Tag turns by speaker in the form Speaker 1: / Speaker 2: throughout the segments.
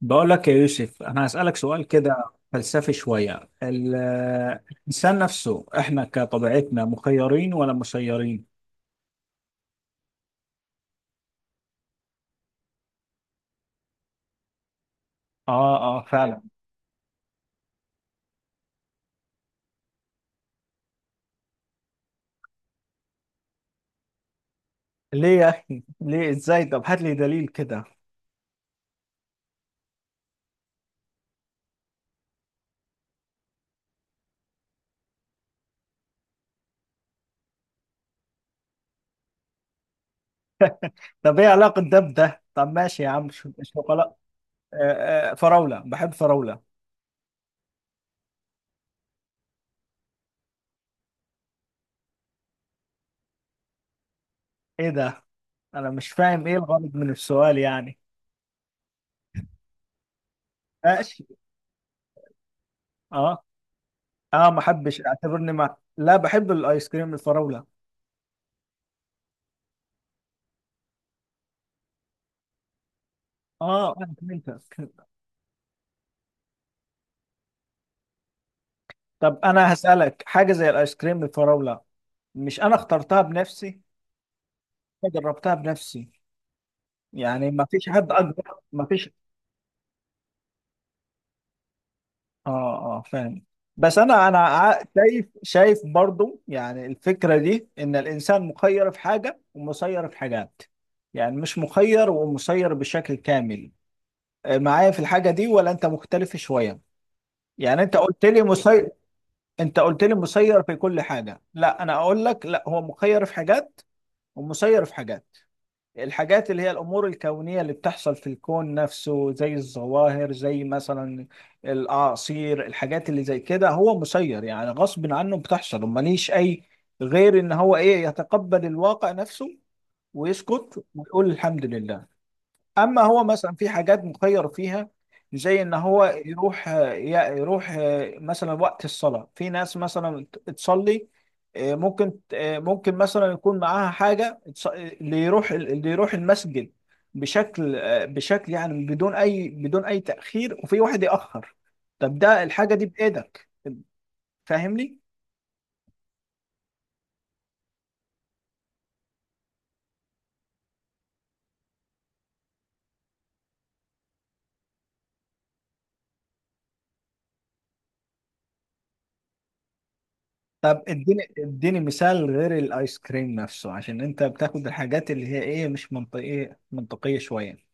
Speaker 1: بقول لك يا يوسف، أنا هسألك سؤال كده فلسفي شوية. الإنسان نفسه، إحنا كطبيعتنا مخيرين ولا مسيرين؟ آه آه، فعلا. ليه يا أخي؟ ليه إزاي؟ طب هات لي دليل كده. طب إيه علاقة ده بده؟ طب ماشي يا عم. شوكولا. آه آه، فراولة، بحب فراولة. إيه ده؟ أنا مش فاهم إيه الغرض من السؤال يعني. ماشي. آه آه، ما أحبش، أعتبرني ما لا بحب الآيس كريم الفراولة. آه، أنا فهمتك. طب انا هسألك حاجة زي الايس كريم بالفراولة، مش انا اخترتها بنفسي، انا جربتها بنفسي. يعني ما فيش حد اكبر، ما فيش. اه اه، فاهم. بس انا شايف برضو، يعني الفكرة دي ان الانسان مخير في حاجة ومسير في حاجات. يعني مش مخير ومسير بشكل كامل. آه، معايا في الحاجة دي ولا انت مختلف شوية؟ يعني انت قلت لي مسير في كل حاجة، لا انا اقول لك لا، هو مخير في حاجات ومسير في حاجات. الحاجات اللي هي الأمور الكونية اللي بتحصل في الكون نفسه، زي الظواهر، زي مثلا الأعاصير، الحاجات اللي زي كده هو مسير، يعني غصب عنه بتحصل وماليش أي غير إن هو إيه، يتقبل الواقع نفسه ويسكت ويقول الحمد لله. اما هو مثلا في حاجات مخير فيها، زي ان هو يروح، يروح مثلا وقت الصلاة. في ناس مثلا تصلي، آه، ممكن آه، ممكن مثلا يكون معاها حاجة. اللي يروح المسجد بشكل، آه، بشكل يعني بدون اي تأخير، وفي واحد يأخر. طب ده، الحاجة دي بإيدك، فاهمني؟ طب اديني مثال غير الايس كريم نفسه، عشان انت بتاخد الحاجات اللي هي ايه، مش منطقية، منطقية شوية.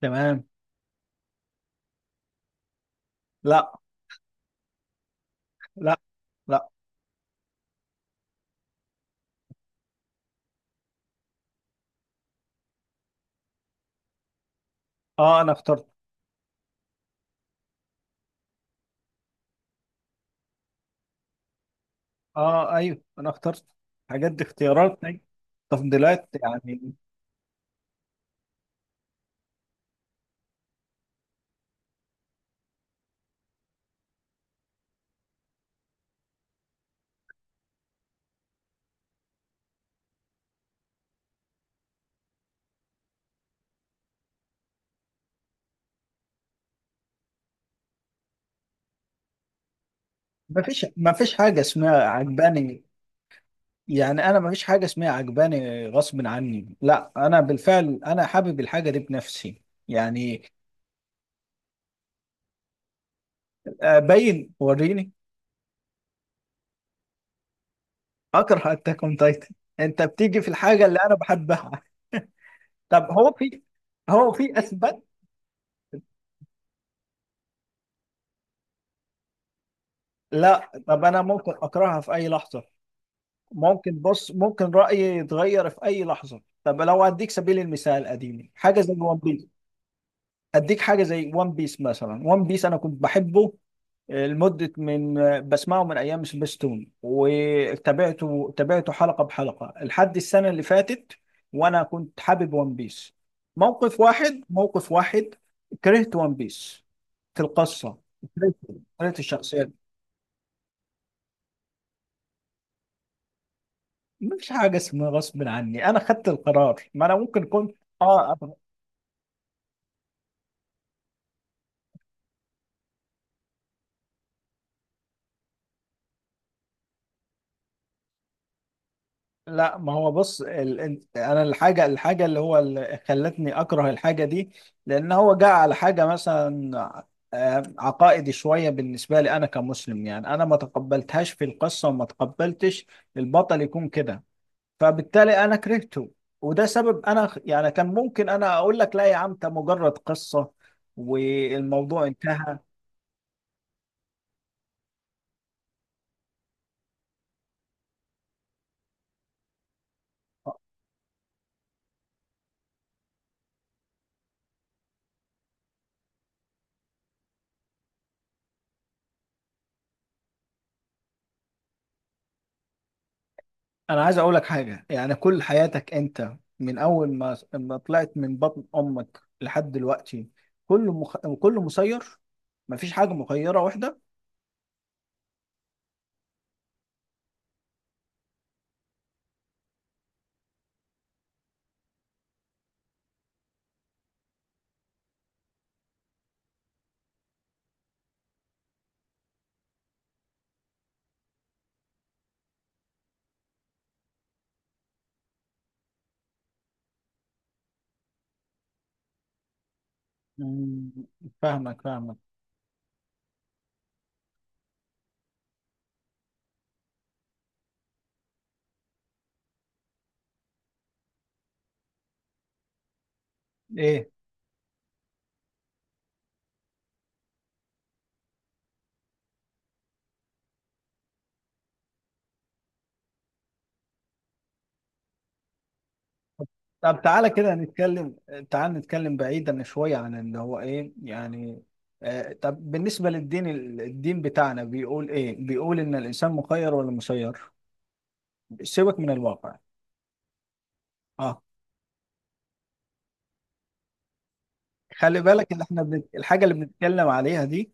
Speaker 1: تمام. لا. لا. لا. اه، انا اخترت. اه، ايوه، انا اخترت حاجات. دي اختيارات، أيوة. تفضيلات يعني. ما فيش حاجه اسمها عجباني. يعني انا ما فيش حاجه اسمها عجباني غصب عني، لا انا بالفعل انا حابب الحاجه دي بنفسي يعني. ابين وريني. اكره اتاك اون تايتن؟ انت بتيجي في الحاجه اللي انا بحبها. طب هو في اثبات؟ لا، طب انا ممكن اكرهها في اي لحظه. ممكن، بص، ممكن رأيي يتغير في أي لحظة. طب لو أديك سبيل المثال قديم، حاجة زي ون بيس. أديك حاجة زي ون بيس مثلا. ون بيس، أنا كنت بحبه لمدة من، بسمعه من أيام سبيستون، وتابعته حلقة بحلقة لحد السنة اللي فاتت، وأنا كنت حابب ون بيس. موقف واحد، موقف واحد، كرهت ون بيس في القصة. كرهت، الشخصيات. مش حاجة اسمها غصب عني، أنا خدت القرار. ما أنا ممكن كنت. اه. لا، ما هو بص، انا الحاجه اللي هو اللي خلتني اكره الحاجه دي. لان هو جاء على حاجه مثلا آه، عقائدي شويه بالنسبه لي، انا كمسلم يعني، انا ما تقبلتهاش في القصه، وما تقبلتش البطل يكون كده. فبالتالي انا كرهته. وده سبب. انا يعني كان ممكن انا اقول لك لا يا عم، ده مجرد قصه، والموضوع انتهى. انا عايز اقول لك حاجه يعني، كل حياتك انت من اول ما طلعت من بطن امك لحد دلوقتي، كله مسير. مفيش حاجه مخيره واحده. مم، فاهمك، فاهمك. ايه؟ طب تعالى كده نتكلم، تعال نتكلم بعيدا شويه عن اللي هو ايه يعني. طب بالنسبه للدين، الدين بتاعنا بيقول ايه؟ بيقول ان الانسان مخير ولا مسير؟ سيبك من الواقع. اه. خلي بالك اللي احنا الحاجه اللي بنتكلم عليها دي،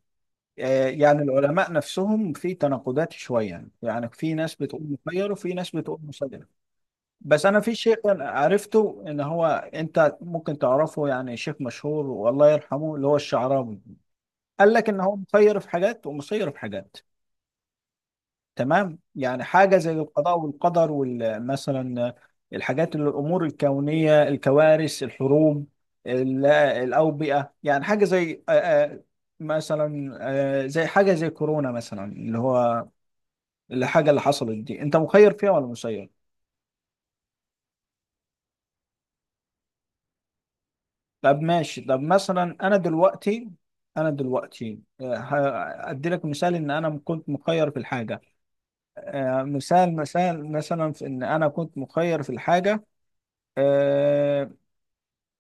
Speaker 1: يعني العلماء نفسهم في تناقضات شوية. يعني في ناس بتقول مخير، وفي ناس بتقول مسير. بس أنا في شيء أنا عرفته إن هو، أنت ممكن تعرفه يعني، شيخ مشهور والله يرحمه، اللي هو الشعراوي، قال لك إن هو مخير في حاجات ومسير في حاجات. تمام. يعني حاجة زي القضاء والقدر، ومثلا الحاجات اللي الأمور الكونية، الكوارث، الحروب، الأوبئة. يعني حاجة زي، مثلا زي حاجة زي كورونا مثلا اللي هو، الحاجة اللي حصلت دي، انت مخير فيها ولا مسير؟ طب ماشي، طب مثلا انا دلوقتي، انا دلوقتي ادي لك مثال ان انا كنت مخير في الحاجة. مثال مثلا، في ان انا كنت مخير في الحاجة. آه،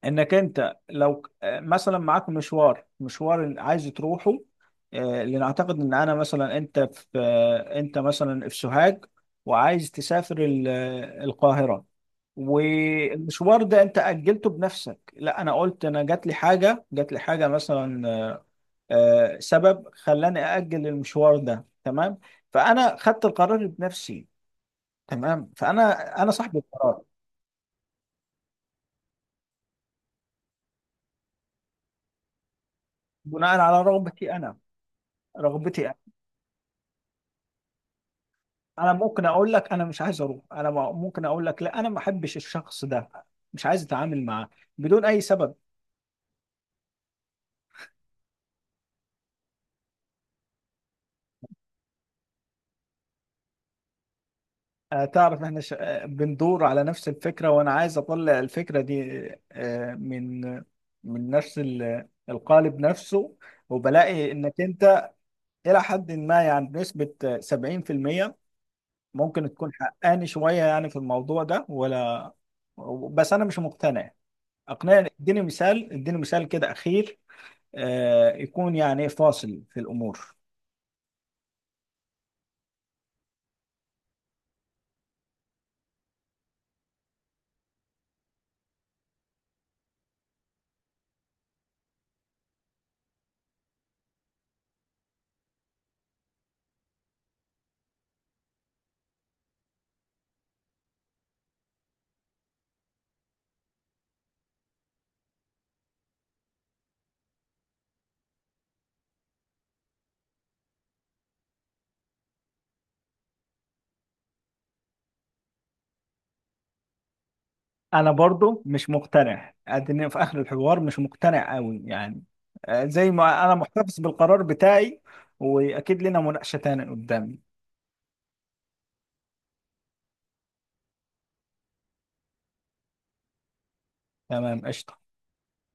Speaker 1: انك انت لو مثلا معاك مشوار، اللي عايز تروحه. لنعتقد ان انا مثلا، انت في آه، انت مثلا في سوهاج، وعايز تسافر القاهرة. والمشوار ده انت اجلته بنفسك، لا انا قلت، انا جات لي حاجة مثلا سبب خلاني اجل المشوار ده. تمام. فانا خدت القرار بنفسي، تمام، انا صاحب القرار، بناء على رغبتي انا. رغبتي انا ممكن اقول لك انا مش عايز اروح. انا ممكن اقول لك لا، انا ما احبش الشخص ده، مش عايز اتعامل معاه، بدون اي سبب. تعرف احنا ش... آه، بندور على نفس الفكرة، وانا عايز اطلع الفكرة دي من نفس القالب نفسه. وبلاقي انك انت الى حد ما يعني، بنسبة 70% ممكن تكون حقاني شوية يعني في الموضوع ده، ولا؟ بس انا مش مقتنع. اقنعني، اديني مثال كده اخير يكون يعني فاصل في الأمور. أنا برضو مش مقتنع أدنى في آخر الحوار. مش مقتنع أوي يعني، زي ما أنا محتفظ بالقرار بتاعي. وأكيد لنا مناقشة تانية قدامي. تمام، قشطة.